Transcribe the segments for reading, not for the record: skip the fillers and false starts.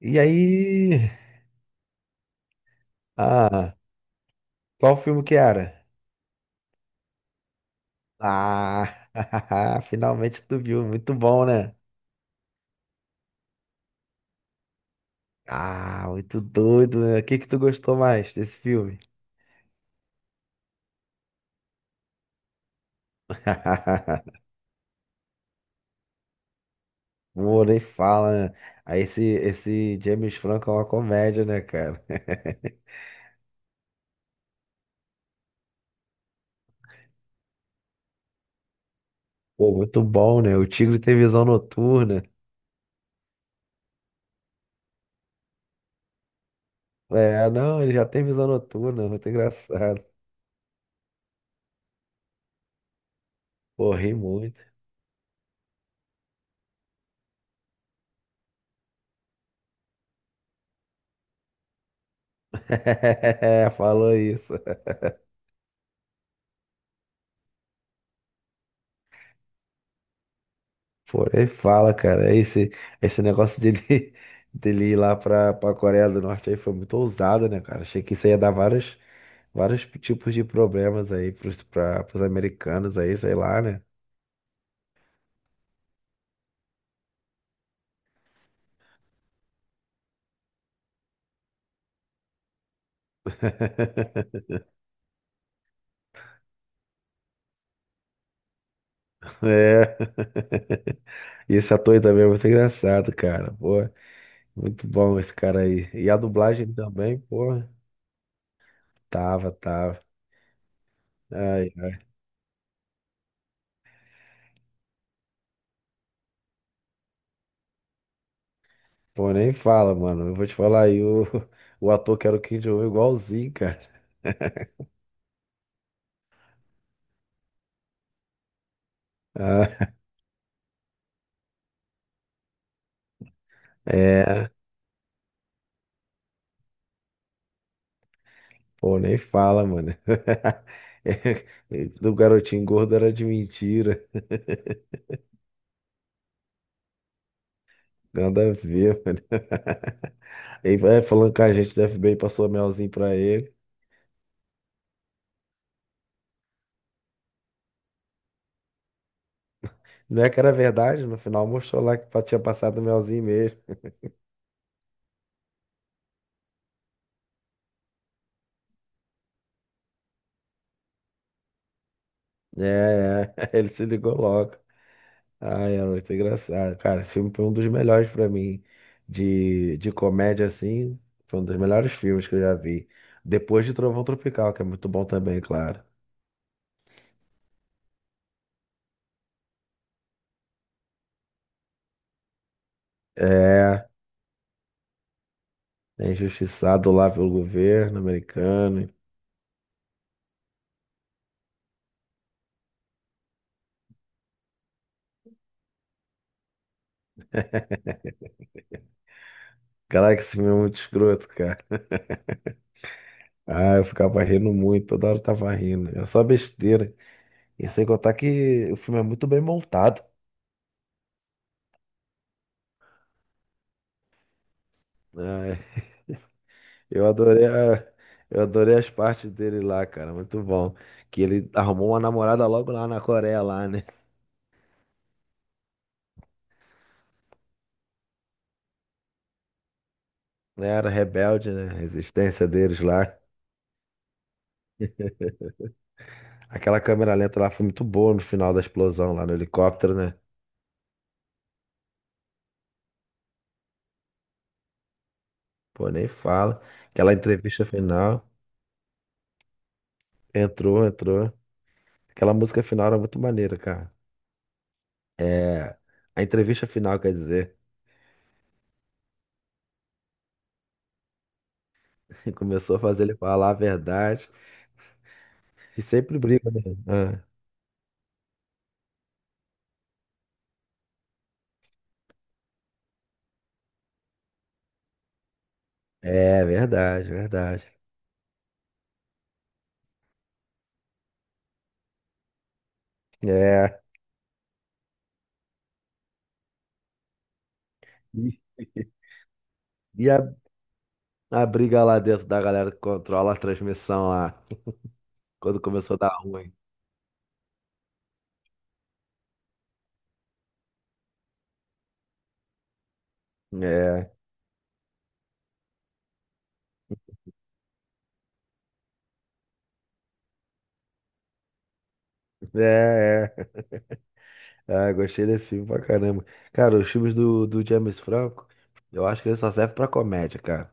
E aí? Ah, qual filme que era? Ah, finalmente tu viu. Muito bom, né? Ah, muito doido, né? O que que tu gostou mais desse filme? Pô, nem fala, né? Aí esse James Franco é uma comédia, né, cara? Pô, muito bom, né? O Tigre tem visão noturna. É, não, ele já tem visão noturna, muito engraçado. Pô, ri muito. Falou isso. Pô, ele fala, cara, esse negócio dele, dele ir lá pra Coreia do Norte aí foi muito ousado, né, cara? Achei que isso ia dar vários tipos de problemas aí pros americanos aí, sei lá, né? É. E esse ator aí também é muito engraçado, cara. Pô, muito bom esse cara aí. E a dublagem também, pô, tava. Ai, ai. Pô, nem fala, mano. Eu vou te falar aí, o, o ator que era o Kim Jong-un é igualzinho, cara. Ah, é, pô, nem fala, mano. É, do garotinho gordo era de mentira. Nada a ver, mano. Ele vai falando que a gente do FBI passou um melzinho pra ele. Não é que era verdade, no final mostrou lá que tinha passado um melzinho mesmo. É, é, ele se ligou logo. Ai, era muito engraçado. Cara, esse filme foi um dos melhores pra mim. De comédia, assim, foi um dos melhores filmes que eu já vi. Depois de Trovão Tropical, que é muito bom também, claro. É, é injustiçado lá pelo governo americano. Caraca, esse filme é muito escroto, cara. Ah, eu ficava rindo muito, toda hora eu tava rindo. Era só besteira. E sem contar que o filme é muito bem montado. Ah, eu adorei a- eu adorei as partes dele lá, cara. Muito bom. Que ele arrumou uma namorada logo lá na Coreia, lá, né? Era rebelde, né? A resistência deles lá. Aquela câmera lenta lá foi muito boa no final da explosão lá no helicóptero, né? Pô, nem fala. Aquela entrevista final. Entrou. Aquela música final era muito maneira, cara. É, a entrevista final, quer dizer, começou a fazer ele falar a verdade e sempre briga, né? Ah, é verdade, verdade. É. E e a briga lá dentro da galera que controla a transmissão lá, quando começou a dar ruim. É, é. Ah, gostei desse filme pra caramba. Cara, os filmes do James Franco, eu acho que ele só serve pra comédia, cara.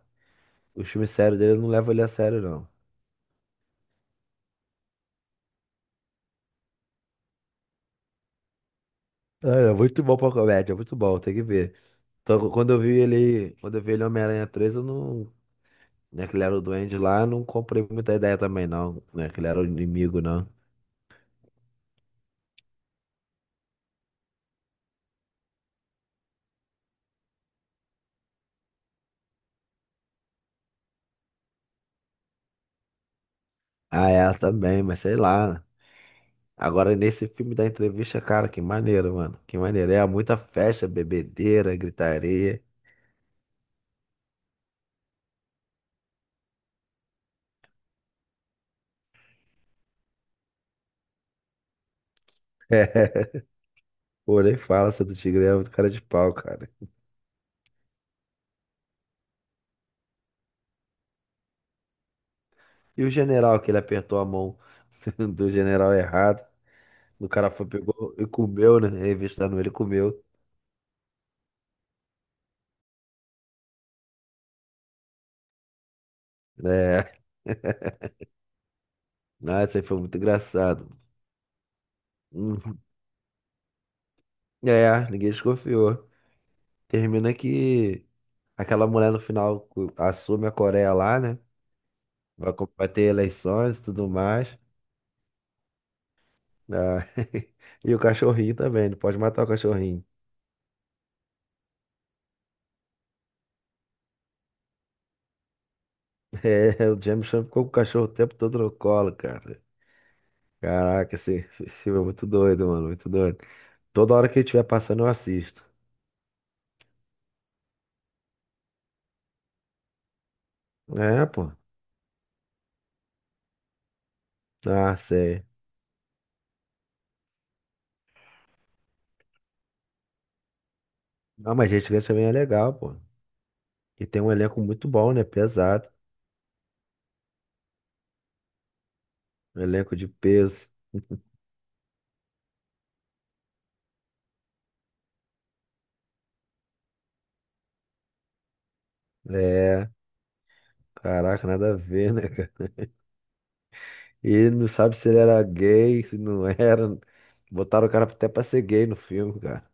O filme sério dele eu não leva ele a sério, não. É, é muito bom pra comédia, é muito bom, tem que ver. Então, quando eu vi ele Homem-Aranha 3 eu não, né, que ele era o duende lá, eu não comprei muita ideia também, não, né, que ele era o inimigo, não. Ah, é, ela também, mas sei lá. Agora, nesse filme da entrevista, cara, que maneiro, mano, que maneiro. É muita festa, bebedeira, gritaria. Pô, nem fala, seu do Tigre é muito cara de pau, cara. E o general, que ele apertou a mão do general errado. O cara foi, pegou e comeu, né? Revistando ele, comeu. É. Ah, isso aí foi muito engraçado. Hum, É, ninguém desconfiou. Termina que aquela mulher no final assume a Coreia lá, né? Vai, vai ter eleições e tudo mais. Ah, e o cachorrinho também, não pode matar o cachorrinho. É, o James Chan ficou com o cachorro o tempo todo no colo, cara. Caraca, esse filme é muito doido, mano, muito doido. Toda hora que ele estiver passando, eu assisto. É, pô. Ah, sei. Ah, mas Gente Grande também é legal, pô. E tem um elenco muito bom, né? Pesado. Um elenco de peso. É, caraca, nada a ver, né, cara? E não sabe se ele era gay, se não era. Botaram o cara até pra ser gay no filme, cara.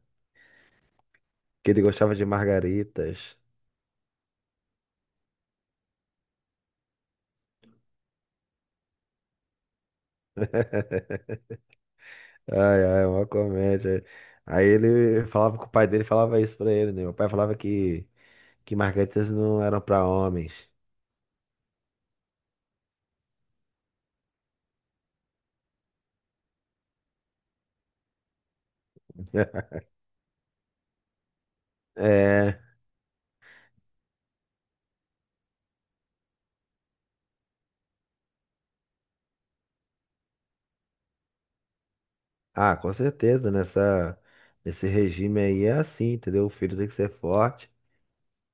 Que ele gostava de margaritas. Ai, ai, uma comédia. Aí ele falava que o pai dele falava isso pra ele, né? Meu pai falava que margaritas não eram pra homens. É. Ah, com certeza, nesse regime aí é assim, entendeu? O filho tem que ser forte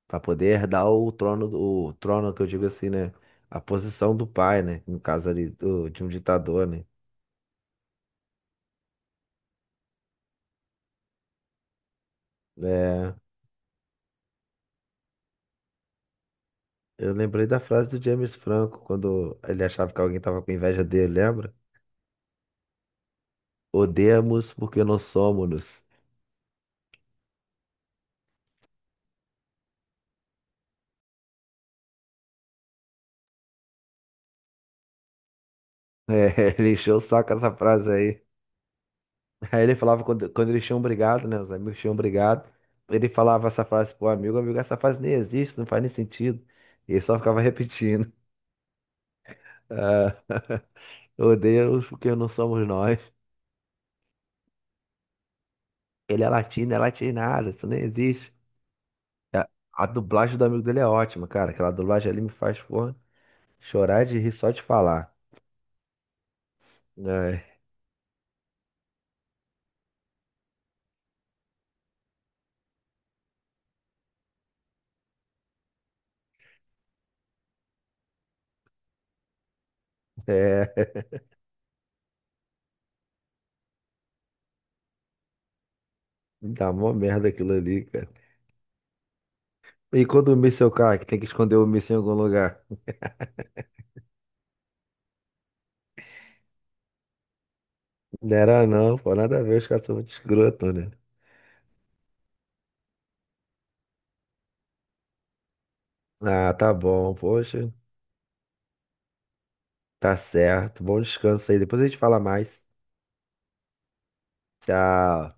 para poder herdar o trono, o trono que eu digo assim, né? A posição do pai, né? No caso ali do, de um ditador, né? É, eu lembrei da frase do James Franco quando ele achava que alguém tava com inveja dele, lembra? Odeamos porque não somos. É, ele encheu o saco essa frase aí. Aí ele falava quando eles tinham brigado, né? Os amigos tinham brigado. Ele falava essa frase pro amigo, amigo, essa frase nem existe, não faz nem sentido. E ele só ficava repetindo. Ah, oh Deus, porque não somos nós. Ele é latino, é latinado, isso nem existe. A, a dublagem do amigo dele é ótima, cara. Aquela dublagem ali me faz, porra, chorar de rir só de falar. É, é, dá mó merda aquilo ali, cara. E quando o míssil cai, que tem que esconder o míssil em algum lugar? Não era não, pô, nada a ver, os caras são muito escroto, né? Ah, tá bom. Poxa, tá certo. Bom descanso aí. Depois a gente fala mais. Tchau.